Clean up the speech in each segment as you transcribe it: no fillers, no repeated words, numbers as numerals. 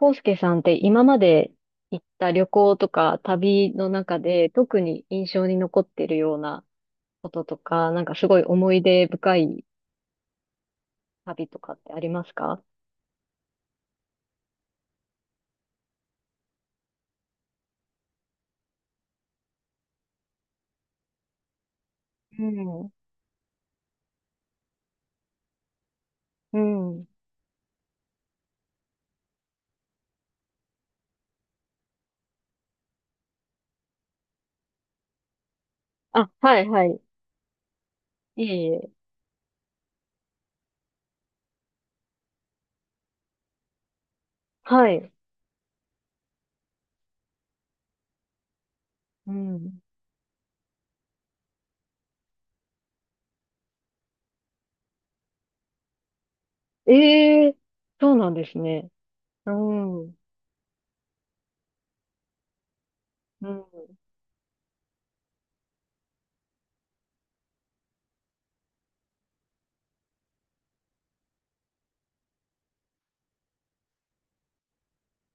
康介さんって今まで行った旅行とか旅の中で特に印象に残ってるようなこととか、なんかすごい思い出深い旅とかってありますか？うん。うん。あ、はいはい。いえいえ。はい。うん。ええ。そうなんですね。うん。うん。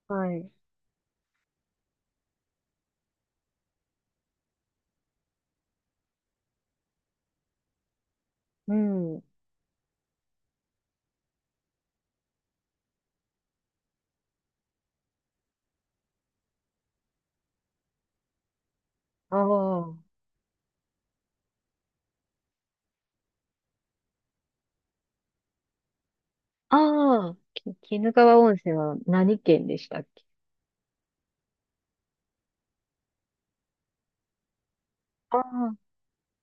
はい。うん。ああ。ああ、鬼怒川温泉は何県でしたっけ？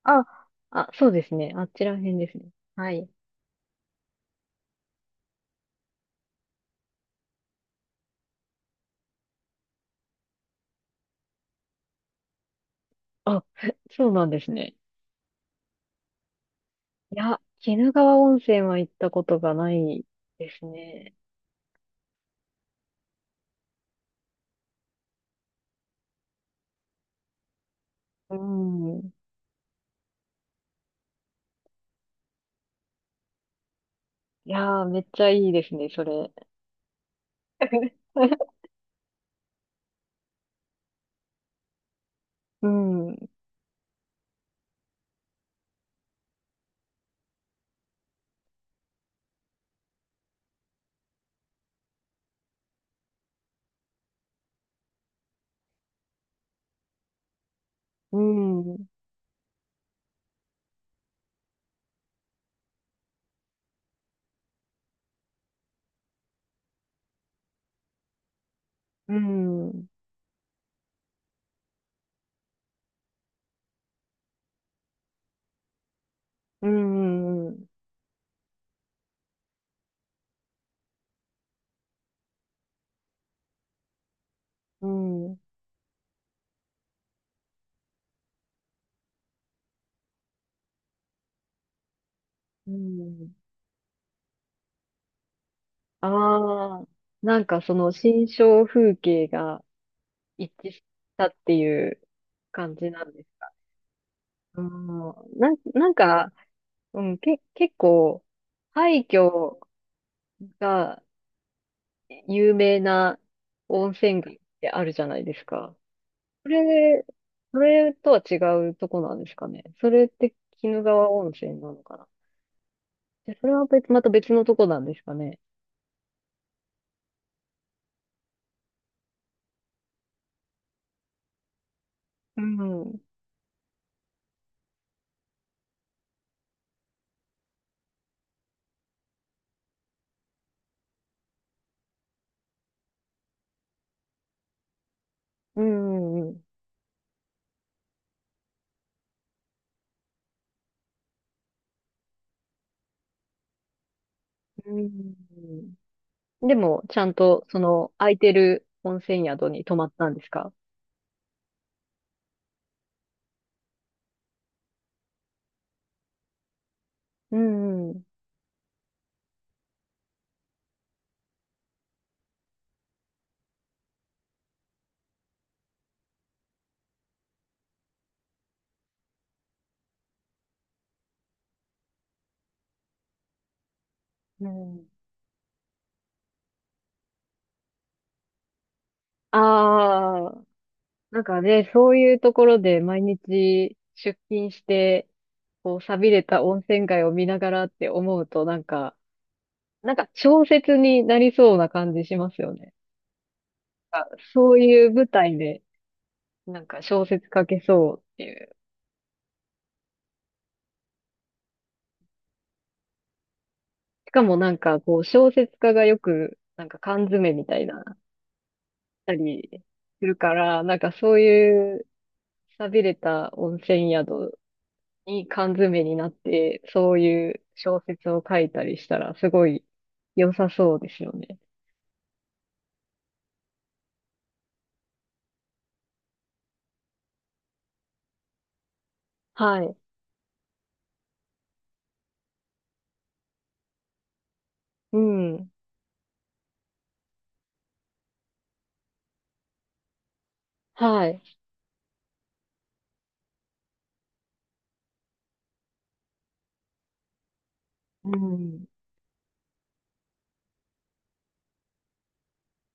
ああ、あ、そうですね。あちら辺ですね。はい。あ、そうなんですね。いや、鬼怒川温泉は行ったことがないですね。うん。いやー、めっちゃいいですね、それ。うん、うん、うん、うん、うん、うん。ああ、なんかその新象風景が一致したっていう感じなんですか？なんか、結構、廃墟が有名な温泉街ってあるじゃないですか。それ、それとは違うとこなんですかね。それって鬼怒川温泉なのかな。で、それは別、また別のとこなんですかね。うん。うんうんうん。うんでも、ちゃんと、その、空いてる温泉宿に泊まったんですか？うんうん。うん。ああ、なんかね、そういうところで毎日出勤して、こう、寂れた温泉街を見ながらって思うと、なんか、なんか小説になりそうな感じしますよね。あ、そういう舞台で、なんか小説書けそうっていう。しかもなんか、こう、小説家がよく、なんか缶詰みたいな、たりするから、なんかそういう、寂れた温泉宿いい缶詰になって、そういう小説を書いたりしたら、すごい良さそうですよね。はい。うん。はい。うん。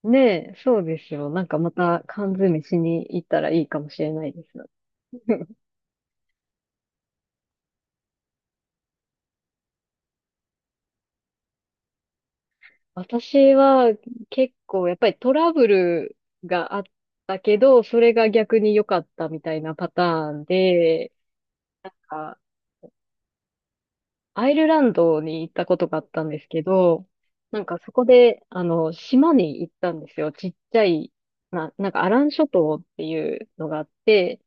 ねえ、そうですよ。なんかまた缶詰しに行ったらいいかもしれないですよ。私は結構やっぱりトラブルがあったけど、それが逆に良かったみたいなパターンで、アイルランドに行ったことがあったんですけど、なんかそこで、あの、島に行ったんですよ。ちっちゃい、なんかアラン諸島っていうのがあって、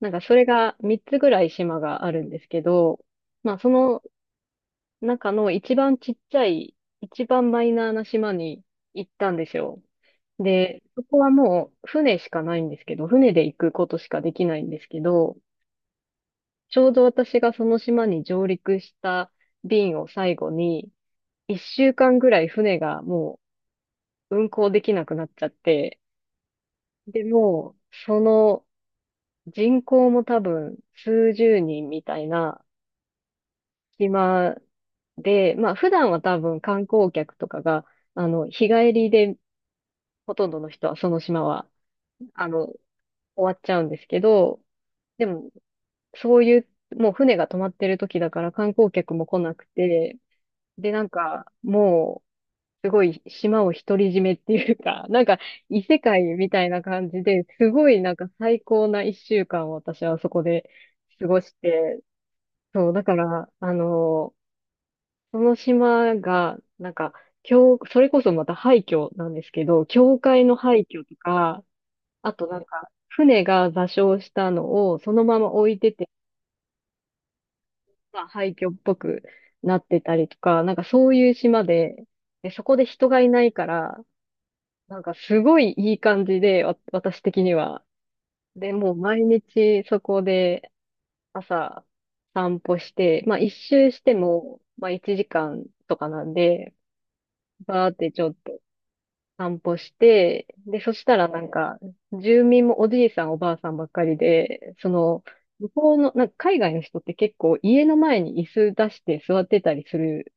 なんかそれが3つぐらい島があるんですけど、まあその中の一番ちっちゃい、一番マイナーな島に行ったんですよ。で、そこはもう船しかないんですけど、船で行くことしかできないんですけど、ちょうど私がその島に上陸した便を最後に、一週間ぐらい船がもう運航できなくなっちゃって、で、もう、その人口も多分数十人みたいな島で、まあ普段は多分観光客とかが、あの、日帰りでほとんどの人はその島は、あの、終わっちゃうんですけど、でも、そういう、もう船が止まってる時だから観光客も来なくて、で、なんか、もう、すごい島を独り占めっていうか、なんか異世界みたいな感じで、すごいなんか最高な一週間を私はそこで過ごして、そう、だから、あの、その島が、なんか、教、それこそまた廃墟なんですけど、教会の廃墟とか、あとなんか、船が座礁したのをそのまま置いてて、まあ、廃墟っぽくなってたりとか、なんかそういう島で、で、そこで人がいないから、なんかすごいいい感じで、私的には。で、もう毎日そこで朝散歩して、まあ一周しても、まあ1時間とかなんで、バーってちょっと散歩して、で、そしたらなんか、住民もおじいさんおばあさんばっかりで、その、向こうの、なんか海外の人って結構家の前に椅子出して座ってたりする。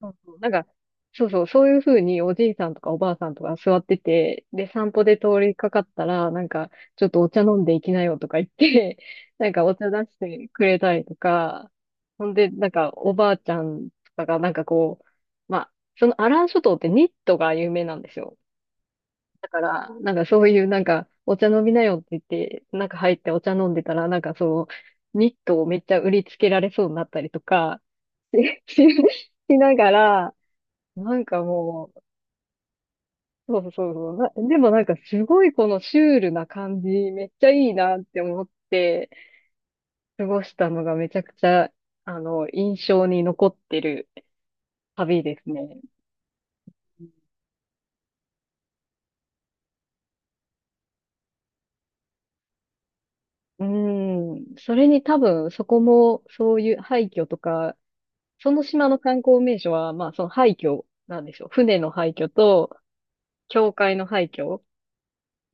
そうそう、なんか、そうそう、そういうふうにおじいさんとかおばあさんとか座ってて、で、散歩で通りかかったら、なんか、ちょっとお茶飲んでいきなよとか言って、なんかお茶出してくれたりとか、ほんで、なんかおばあちゃんとかがなんかこう、まあ、そのアラン諸島ってニットが有名なんですよ。だから、なんかそういうなんか、お茶飲みなよって言って、なんか入ってお茶飲んでたら、ニットをめっちゃ売りつけられそうになったりとか、しながら、なんかもう、そうそうそうそう。でもなんかすごいこのシュールな感じ、めっちゃいいなって思って過ごしたのがめちゃくちゃ、あの、印象に残ってる旅ですね。うん。それに多分そこもそういう廃墟とか、その島の観光名所は、まあその廃墟なんでしょう。船の廃墟と、教会の廃墟。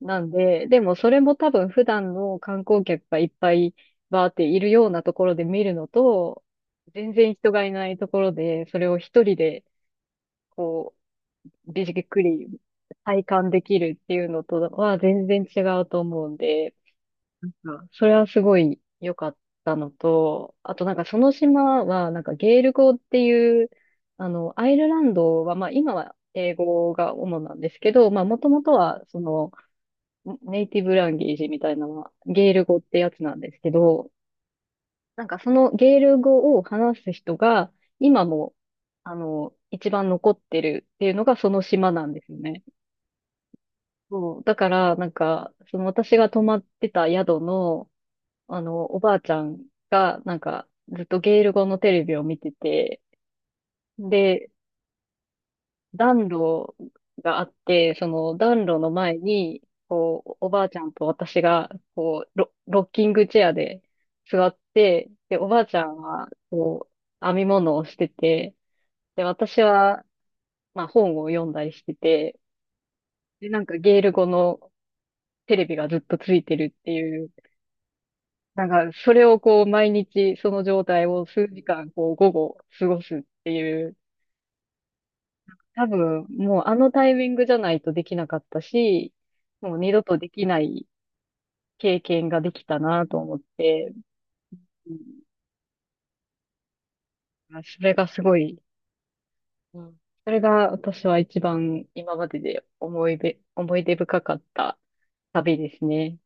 なんで、でもそれも多分普段の観光客がいっぱいバーっているようなところで見るのと、全然人がいないところで、それを一人で、こう、じっくり体感できるっていうのとは全然違うと思うんで、なんかそれはすごい良かったのと、あとなんかその島はなんかゲール語っていう、あの、アイルランドはまあ今は英語が主なんですけど、まあもともとはその、ネイティブランゲージみたいなのは、ゲール語ってやつなんですけど、なんかそのゲール語を話す人が、今も、あの、一番残ってるっていうのがその島なんですよね。そう。だから、なんか、その私が泊まってた宿の、あの、おばあちゃんが、なんか、ずっとゲール語のテレビを見てて、で、暖炉があって、その暖炉の前に、こう、おばあちゃんと私が、こう、ロッキングチェアで座って、で、おばあちゃんは、こう、編み物をしてて、で、私は、まあ、本を読んだりしてて、で、なんかゲール語のテレビがずっとついてるっていう、なんか、それをこう、毎日、その状態を数時間、こう、午後、過ごすっていう、多分、もうあのタイミングじゃないとできなかったし、もう二度とできない経験ができたなと思って、うん。それがすごい、うん、それが私は一番今までで思い出、思い出深かった旅ですね。